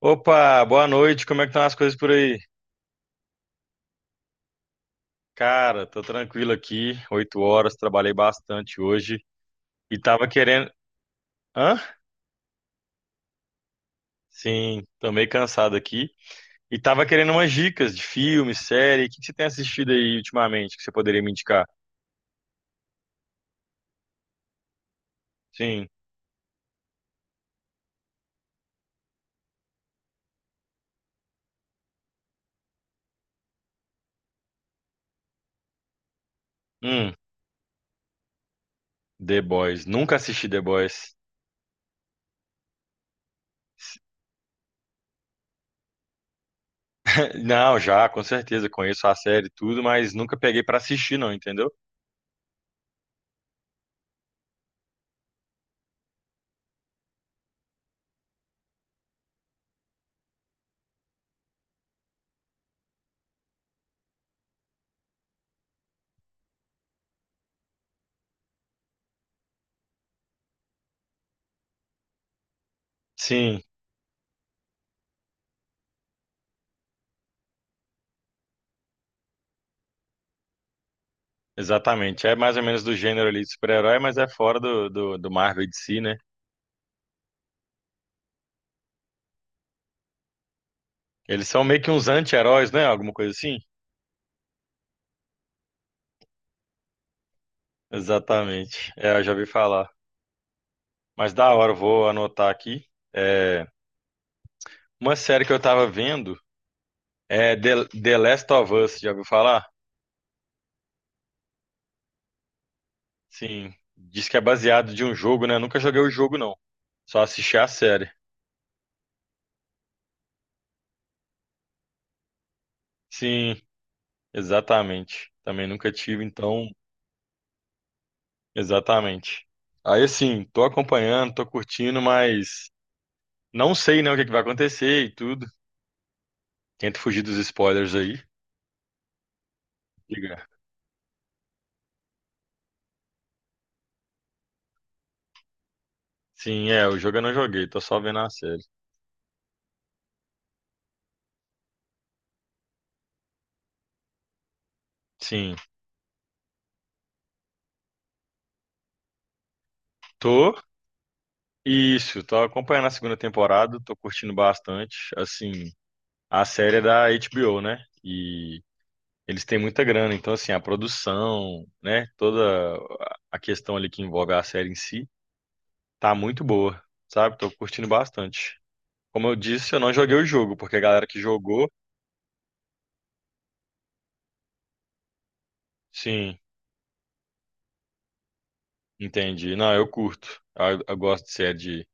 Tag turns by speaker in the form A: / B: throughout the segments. A: Opa, boa noite. Como é que estão as coisas por aí? Cara, tô tranquilo aqui. 8 horas, trabalhei bastante hoje e tava querendo. Hã? Sim, tô meio cansado aqui. E tava querendo umas dicas de filme, série. O que que você tem assistido aí ultimamente que você poderia me indicar? Sim. Hum, The Boys. Nunca assisti The Boys. Não, já, com certeza. Conheço a série e tudo, mas nunca peguei pra assistir, não, entendeu? Sim, exatamente. É mais ou menos do gênero ali de super-herói, mas é fora do Marvel de si, né? Eles são meio que uns anti-heróis, né? Alguma coisa assim? Exatamente. É, eu já vi falar. Mas da hora, eu vou anotar aqui. É, uma série que eu tava vendo é The Last of Us, já ouviu falar? Sim. Diz que é baseado de um jogo, né? Nunca joguei o jogo, não. Só assisti a série. Sim, exatamente. Também nunca tive, então, exatamente. Aí, assim, tô acompanhando, tô curtindo, mas não sei, né, o que é que vai acontecer e tudo. Tento fugir dos spoilers aí. Diga. Sim, é, o jogo eu não joguei, tô só vendo a série. Sim, tô. Isso, tô acompanhando a segunda temporada, tô curtindo bastante. Assim, a série é da HBO, né? E eles têm muita grana, então assim, a produção, né, toda a questão ali que envolve a série em si, tá muito boa, sabe? Tô curtindo bastante. Como eu disse, eu não joguei o jogo, porque a galera que jogou, sim, entendi. Não, eu curto. Eu gosto de série de,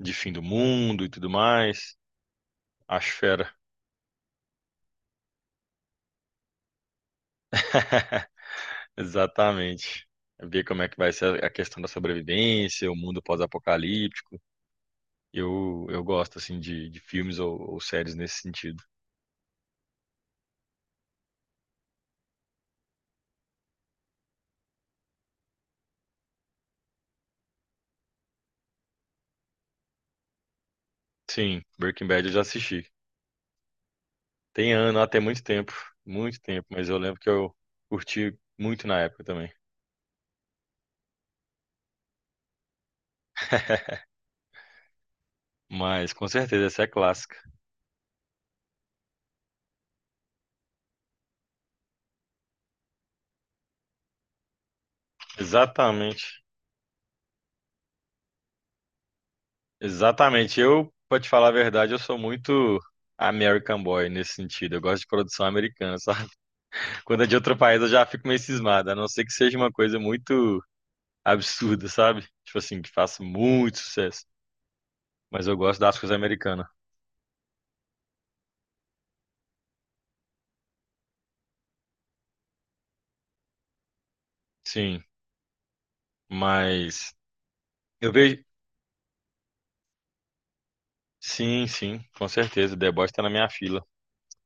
A: de fim do mundo e tudo mais. Acho fera. Exatamente. Ver como é que vai ser a questão da sobrevivência, o mundo pós-apocalíptico. Eu gosto, assim, de, filmes ou séries nesse sentido. Sim, Breaking Bad eu já assisti. Tem ano, até muito tempo, mas eu lembro que eu curti muito na época também. Mas, com certeza, essa é clássica. Exatamente, exatamente. Eu, pra te falar a verdade, eu sou muito American Boy nesse sentido. Eu gosto de produção americana, sabe? Quando é de outro país, eu já fico meio cismado, a não ser que seja uma coisa muito absurda, sabe? Tipo assim, que faça muito sucesso. Mas eu gosto das coisas americanas. Sim, mas eu vejo. Sim, sim, com certeza. The Boys tá na minha fila.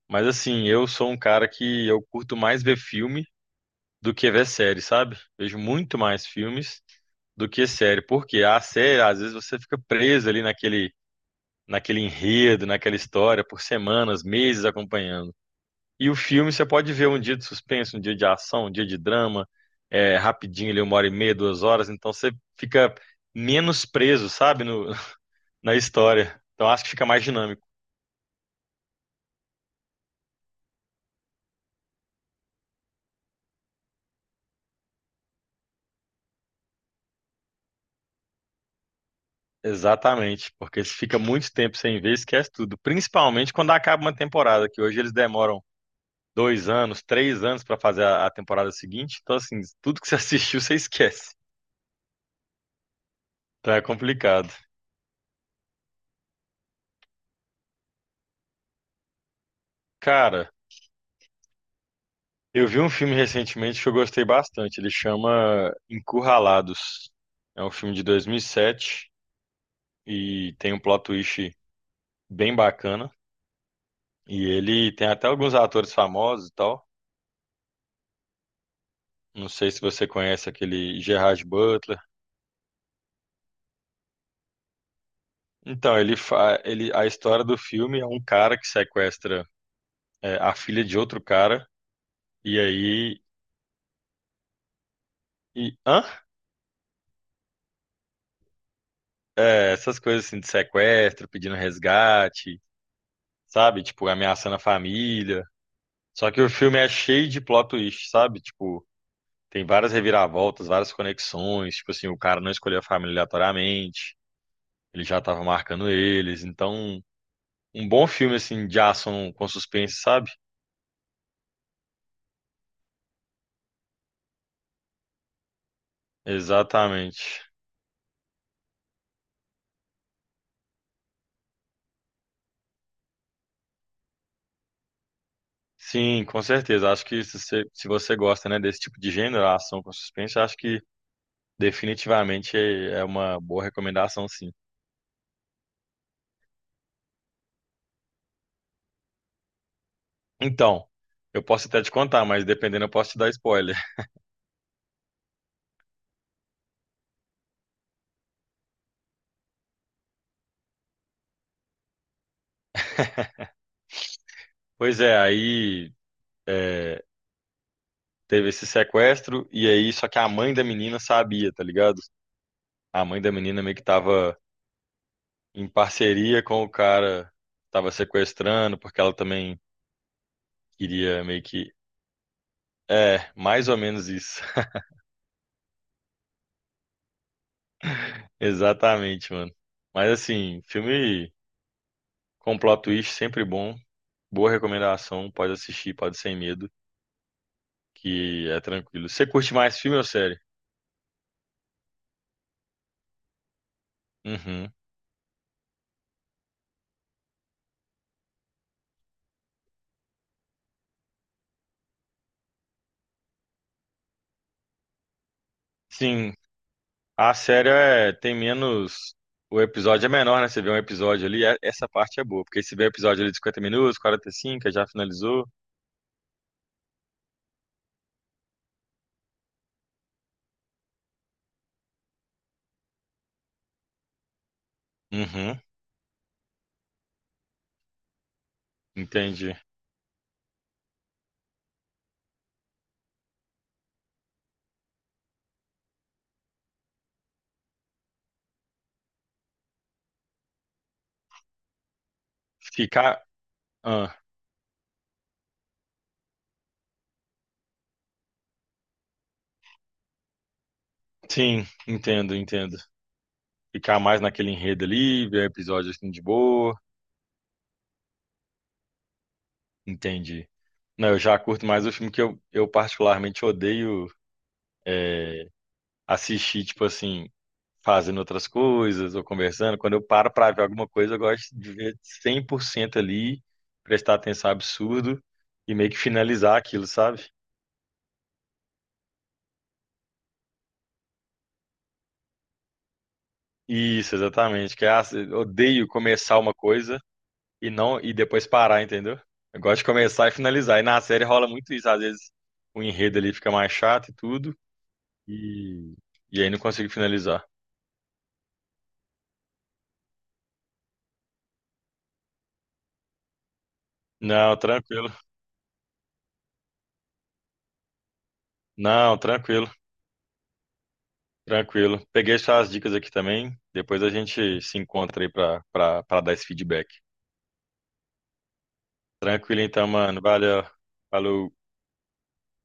A: Mas assim, eu sou um cara que eu curto mais ver filme do que ver série, sabe? Vejo muito mais filmes do que série. Porque a série, às vezes, você fica preso ali naquele enredo, naquela história por semanas, meses acompanhando. E o filme você pode ver um dia de suspense, um dia de ação, um dia de drama, é, rapidinho ali, 1h30, 2 horas, então você fica menos preso, sabe, no- na história. Então acho que fica mais dinâmico. Exatamente, porque se fica muito tempo sem ver, esquece tudo. Principalmente quando acaba uma temporada, que hoje eles demoram 2 anos, 3 anos para fazer a temporada seguinte. Então, assim, tudo que você assistiu, você esquece. Então é complicado. Cara, eu vi um filme recentemente que eu gostei bastante. Ele chama Encurralados. É um filme de 2007 e sete e tem um plot twist bem bacana. E ele tem até alguns atores famosos e tal. Não sei se você conhece aquele Gerard Butler. Então, ele a história do filme é um cara que sequestra é, a filha de outro cara e aí e hã? É, essas coisas assim de sequestro, pedindo resgate, sabe? Tipo, ameaçando a família. Só que o filme é cheio de plot twist, sabe? Tipo, tem várias reviravoltas, várias conexões. Tipo assim, o cara não escolheu a família aleatoriamente, ele já tava marcando eles. Então, um bom filme, assim, de ação com suspense, sabe? Exatamente. Sim, com certeza. Acho que se você, se você gosta, né, desse tipo de gênero, ação com suspense, acho que definitivamente é uma boa recomendação, sim. Então, eu posso até te contar, mas dependendo, eu posso te dar spoiler. Pois é, aí. É, teve esse sequestro, e aí, só que a mãe da menina sabia, tá ligado? A mãe da menina meio que tava em parceria com o cara, que tava sequestrando, porque ela também queria meio que. É, mais ou menos isso. Exatamente, mano. Mas assim, filme com plot twist sempre bom, boa recomendação, pode assistir, pode sem medo, que é tranquilo. Você curte mais filme ou série? Uhum. Sim, a série é, tem menos. O episódio é menor, né? Você vê um episódio ali, é- essa parte é boa. Porque se vê episódio ali de 50 minutos, 45, já finalizou. Uhum, entendi. Ficar. Ah, sim, entendo, entendo. Ficar mais naquele enredo ali, ver episódio assim de boa. Entendi. Não, eu já curto mais o filme que eu particularmente odeio assistir, tipo assim, fazendo outras coisas ou conversando. Quando eu paro para ver alguma coisa, eu gosto de ver 100% ali, prestar atenção absurdo e meio que finalizar aquilo, sabe? Isso, exatamente. Que é, ah, eu odeio começar uma coisa e não e depois parar, entendeu? Eu gosto de começar e finalizar. E na série rola muito isso, às vezes o enredo ali fica mais chato e tudo, e, e aí não consigo finalizar. Não, tranquilo. Não, tranquilo. Tranquilo. Peguei suas dicas aqui também. Depois a gente se encontra aí pra, pra, dar esse feedback. Tranquilo então, mano. Valeu. Falou.